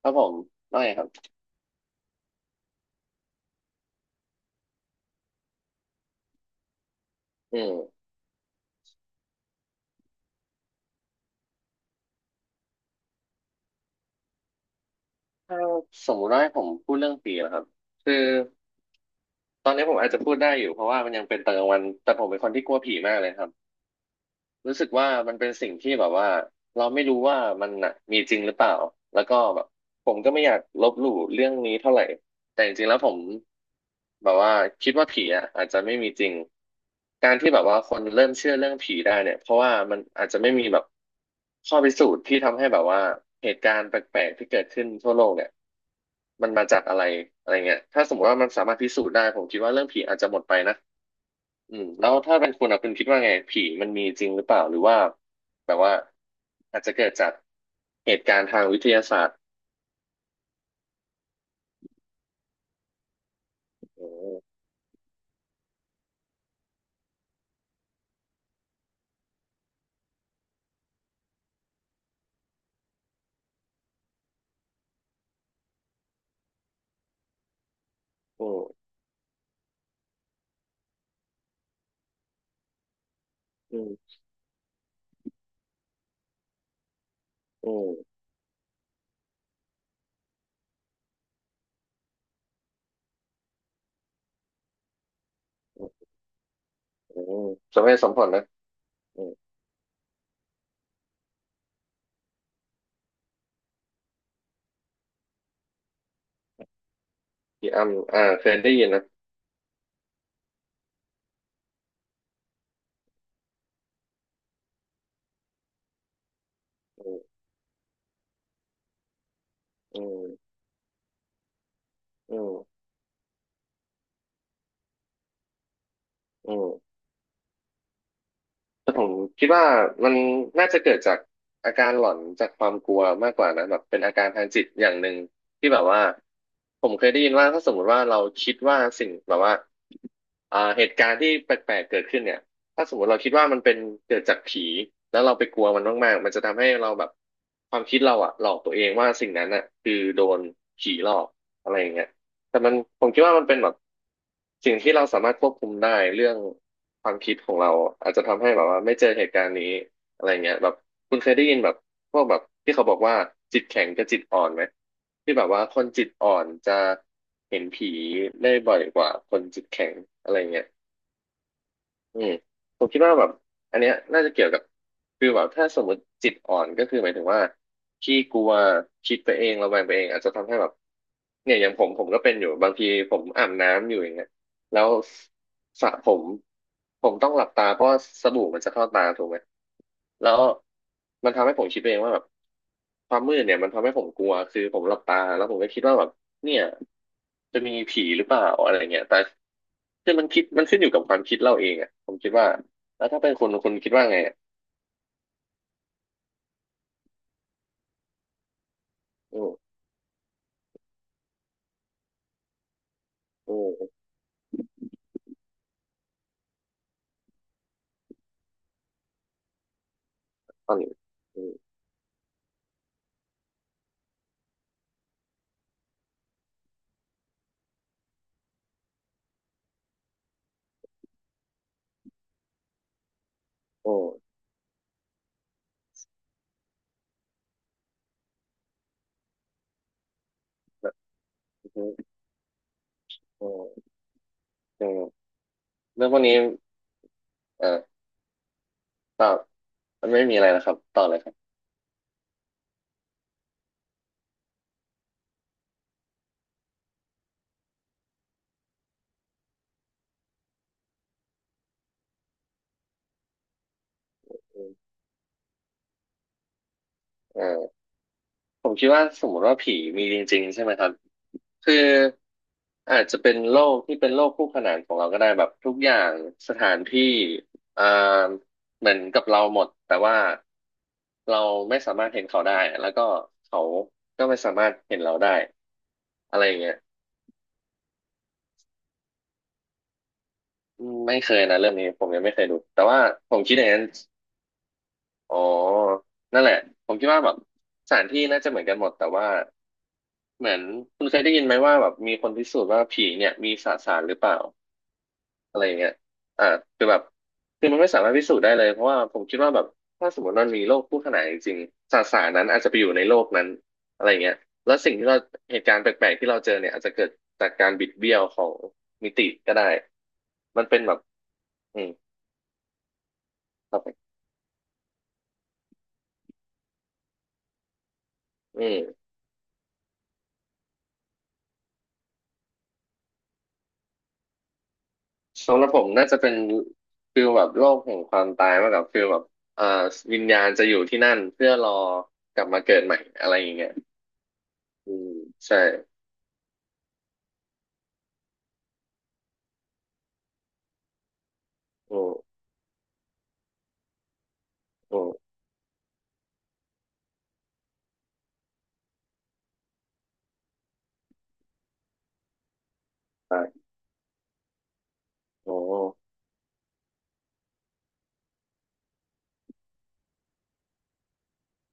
ครับผมน้อยครับอืมถ้าสมมุติว่าให้ผมพูดเรื่องผีนะครับ คือตอนนี้ผมอาจจะพูดได้อยู่เพราะว่ามันยังเป็นตอนกลางวัน แต่ผมเป็นคนที่กลัวผีมากเลยครับ รู้สึกว่ามันเป็นสิ่งที่แบบว่าเราไม่รู้ว่ามันน่ะมีจริงหรือเปล่าแล้วก็แบบผมก็ไม่อยากลบหลู่เรื่องนี้เท่าไหร่แต่จริงๆแล้วผมแบบว่าคิดว่าผีอ่ะอาจจะไม่มีจริงการที่แบบว่าคนเริ่มเชื่อเรื่องผีได้เนี่ยเพราะว่ามันอาจจะไม่มีแบบข้อพิสูจน์ที่ทำให้แบบว่าเหตุการณ์แปลกๆที่เกิดขึ้นทั่วโลกเนี่ยมันมาจากอะไรอะไรเงี้ยถ้าสมมติว่ามันสามารถพิสูจน์ได้ผมคิดว่าเรื่องผีอาจจะหมดไปนะ อืมแล้วถ้าเป็นคุณอ่ะคุณคิดว่าไงผีมันมีจริงหรือเปล่าหรือว่าแบบว่าอาจจะเกิดจากเหตุการณ์ทางวิทยาศาสตร์อืมอืมอืมอืมอืมสมเหตุสมผลนะอืมพี่อ้ำอ่าเคยได้ยินนะอืมอืมอืมอืม แต่ผมคิดว่ามันน่าจะเกิดจากอาการหลอนจากความกลัวมากกว่านะแบบเป็นอาการทางจิตอย่างหนึ่งที่แบบว่าผมเคยได้ยินว่าถ้าสมมติว่าเราคิดว่าสิ่งแบบว่าเหตุการณ์ที่แปลกๆเกิดขึ้นเนี่ยถ้าสมมติเราคิดว่ามันเป็นเกิดจากผีแล้วเราไปกลัวมันมากๆมันจะทำให้เราแบบความคิดเราอะหลอกตัวเองว่าสิ่งนั้นอะคือโดนผีหลอกอะไรอย่างเงี้ยแต่มันผมคิดว่ามันเป็นแบบสิ่งที่เราสามารถควบคุมได้เรื่อง ความคิดของเราอาจจะทำให้แบบว่าไม่เจอเหตุการณ์นี้อะไรเงี้ยแบบคุณเคยได้ยินแบบพวกแบบที่เขาบอกว่าจิตแข็งกับจิตอ่อนไหมที่แบบว่าคนจิตอ่อนจะเห็นผีได้บ่อยกว่าคนจิตแข็งอะไรเงี้ย อืมผมคิดว่าแบบอันเนี้ยน่าจะเกี่ยวกับคือแบบถ้าสมมติจิตอ่อนก็คือหมายถึงว่าขี้กลัวคิดไปเองระแวงไปเองอาจจะทำให้แบบเนี่ยอย่างผมก็เป็นอยู่บางทีผมอาบน้ำอยู่อย่างเงี้ยแล้วสระผมผมต้องหลับตาเพราะว่าสบู่มันจะเข้าตาถูกไหมแล้วมันทำให้ผมคิดไปเองว่าแบบความมืดเนี่ยมันทำให้ผมกลัวคือผมหลับตาแล้วผมก็คิดว่าแบบ เนี่ยจะมีผีหรือเปล่าอะไรเงี้ยแต่คือมันคิดมันขึ้นอยู่กับความคิดเราเองอ่ะผมคิดว่าแล้วถ้าเป็นคนคิดว่าไงอะโอ้โอ้ตอนนี้โอ้โอ้แบบโอ้โอ้เออเรื่องพวกนี้เออต่อมันไม่มีอะไรนะครับต่อเลยครับเออ ผมคิดว่าสมมติว่าผีมีจริงๆใช่ไหมครับคืออาจจะเป็นโลกที่เป็นโลกคู่ขนานของเราก็ได้แบบทุกอย่างสถานที่อ่าเหมือนกับเราหมดแต่ว่าเราไม่สามารถเห็นเขาได้แล้วก็เขาก็ไม่สามารถเห็นเราได้อะไรอย่างเงี้ยอืมไม่เคยนะเรื่องนี้ผมยังไม่เคยดูแต่ว่าผมคิดอย่างนั้นอ๋อนั่นแหละผมคิดว่าแบบสถานที่น่าจะเหมือนกันหมดแต่ว่า เหมือนคุณเคยได้ยินไหมว่าแบบมีคนพิสูจน์ว่าผีเนี่ยมีสสารหรือเปล่าอะไรอย่างเงี้ยอ่าคือแบบคือมันไม่สามารถพิสูจน์ได้เลยเพราะว่าผมคิดว่าแบบถ้าสมมติมันมีโลกคู่ขนานจริงๆสสารนั้นอาจจะไปอยู่ในโลกนั้นอะไรอย่างเงี้ยแล้วสิ่งที่เราเหตุการณ์แปลกๆที่เราเจอเนี่ยอาจจะเกิดจากการบิดเบี้ยวของมิติก็ได้มันเป็นแบบอืมครับผมอืม สำหรับผมน่าจะเป็นฟิลแบบโลกแห่งความตายมากกว่าฟิลแบบเอ่อวิญญาณจะอยู่ที่นั่นเพื่อรอกลับมาเกิดใหม่อะไรอย่างเงี้ยอืมใช่โอ้โอ้ใช่โอ้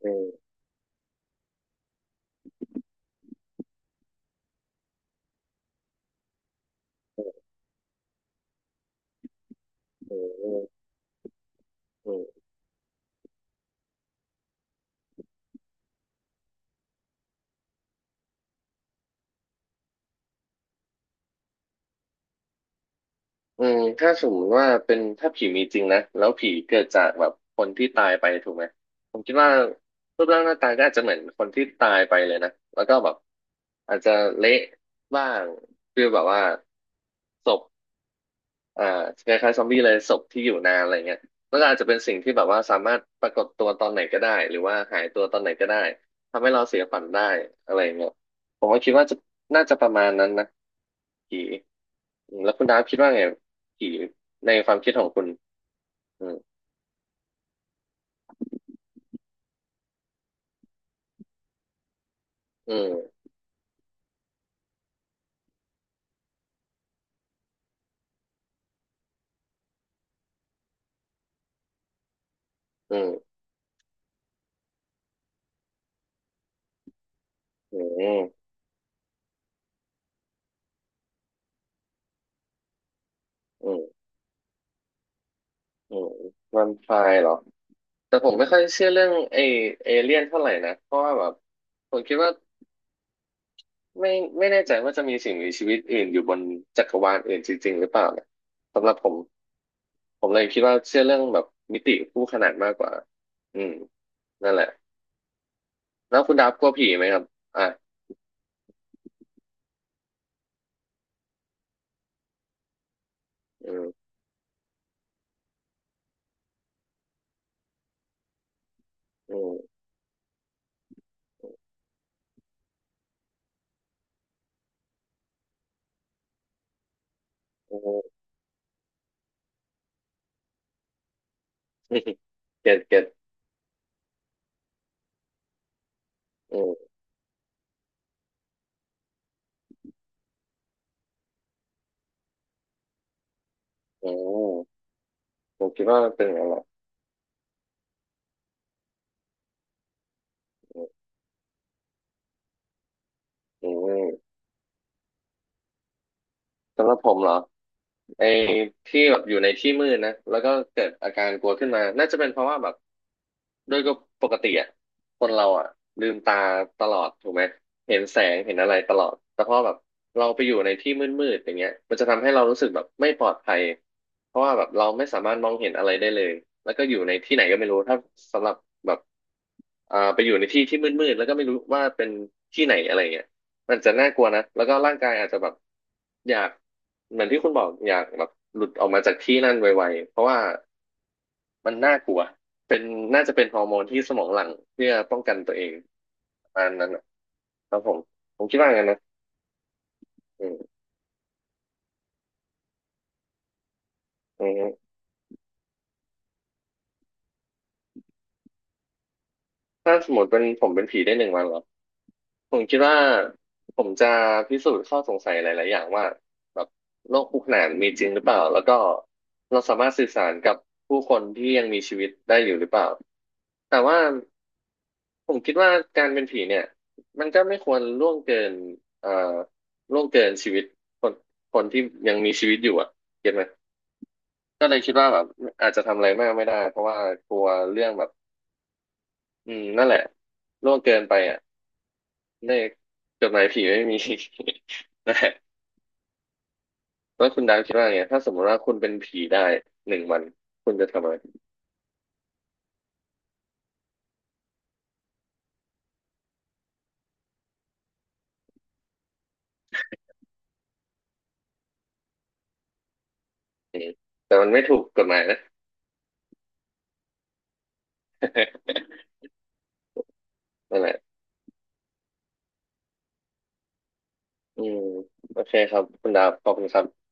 เออเออเออเอออืมถ้าสมมติว่าเป็นถ้าผีมีจริงนะแล้วผีเกิดจากแบบคนที่ตายไปถูกไหมผมคิดว่ารูปร่างหน้าตาก็อาจจะเหมือนคนที่ตายไปเลยนะแล้วก็แบบอาจจะเละบ้างคือแบบว่าศพ อ่าคล้ายๆซอมบี้เลยศพที่อยู่นานอะไรเงี้ยแล้วก็อาจจะเป็นสิ่งที่แบบว่าสามารถปรากฏตัวตอนไหนก็ได้หรือว่าหายตัวตอนไหนก็ได้ทำให้เราเสียฝันได้อะไรเงี้ยผมก็คิดว่าจะน่าจะประมาณนั้นนะผีอืมแล้วคุณดาฟคิดว่าไงผีในความคิดของคุณอืมอืมอืมอืมอืมอืมวันไฟเหรอแต่ผมไม่ค่อยเชื่อเรื่องไอเอเลี่ยนเท่าไหร่นะเพราะว่าแบบผมคิดว่า ไม่แน่ใจว่าจะมีสิ่งมีชีวิตอื่นอยู่บนจักรวาลอื่นจริงๆหรือเปล่าเนี่ยสำหรับผมผมเลยคิดว่าเชื่อเรื่องแบบมิติคู่ขนานมากกว่าอืมนั่นแหละแล้วคุณดับกลัวผีไหมครับอ่ะอืมอืมอืม เก็ตเก็ตอืมอืมผมคิดว่ามันเป็นอย่างนั้นแหละอืมอืมสำหรับผมเหรอไอ้ที่แบบอยู่ในที่มืดนะแล้วก็เกิดอาการกลัวขึ้นมาน่าจะเป็นเพราะว่าแบบ ด้วยก็ปกติอ่ะคนเราอ่ะลืมตาตลอดถูกไหมเห็นแสงเห็นอะไรตลอดแต่พอแบบเราไปอยู่ในที่มืดๆอย่างเงี้ยมันจะทำให้เรารู้สึกแบบไม่ปลอดภัยเพราะว่าแบบเราไม่สามารถมองเห็นอะไรได้เลยแล้วก็อยู่ในที่ไหนก็ไม่รู้ถ้าสำหรับแบบอ่าไปอยู่ในที่ที่มืดๆแล้วก็ไม่รู้ว่าเป็นที่ไหนอะไรเงี้ยมันจะน่ากลัวนะแล้วก็ร่างกายอาจจะแบบอยากเหมือนที่คุณบอกอยากแบบหลุดออกมาจากที่นั่นไวๆเพราะว่า มันน่ากลัวเป็นน่าจะเป็นฮอร์โมนที่สมองหลั่งเพื่อป้องกันตัวเองประมาณนั้นอะครับผมผมคิดว่างั้นนะอืมอืมถ้าสมมติเป็นผมเป็นผีได้หนึ่งวันเหรอผมคิดว่าผมจะพิสูจน์ข้อสงสัยหลายๆอย่างว่าแบบโลกคู่ขนานมีจริงหรือเปล่าแล้วก็เราสามารถสื่อสารกับผู้คนที่ยังมีชีวิตได้อยู่หรือเปล่าแต่ว่า ผมคิดว่าการเป็นผีเนี่ยมันก็ไม่ควรล่วงเกินเอ่อล่วงเกินชีวิตคนคนที่ยังมีชีวิตอยู่อ่ะเก็ตไหมก็เลยคิดว่าแบบอาจจะทำอะไรมากไม่ได้เพราะว่ากลัวเรื่องแบบอืมนั่นแหละล่วงเกินไปอ่ะในจดหมายผีไม่มี นะฮะแล้วคุณดาวคิดว่าไงถ้าสมมติว่าคุณเป็นผีได้หนึ่งวันคุณจะทำอะไรอืมแต่มันไม่ถูกกฎหมายนะ นั่นแหละอืมโอเคครับคุณดาวขอบคุณครับ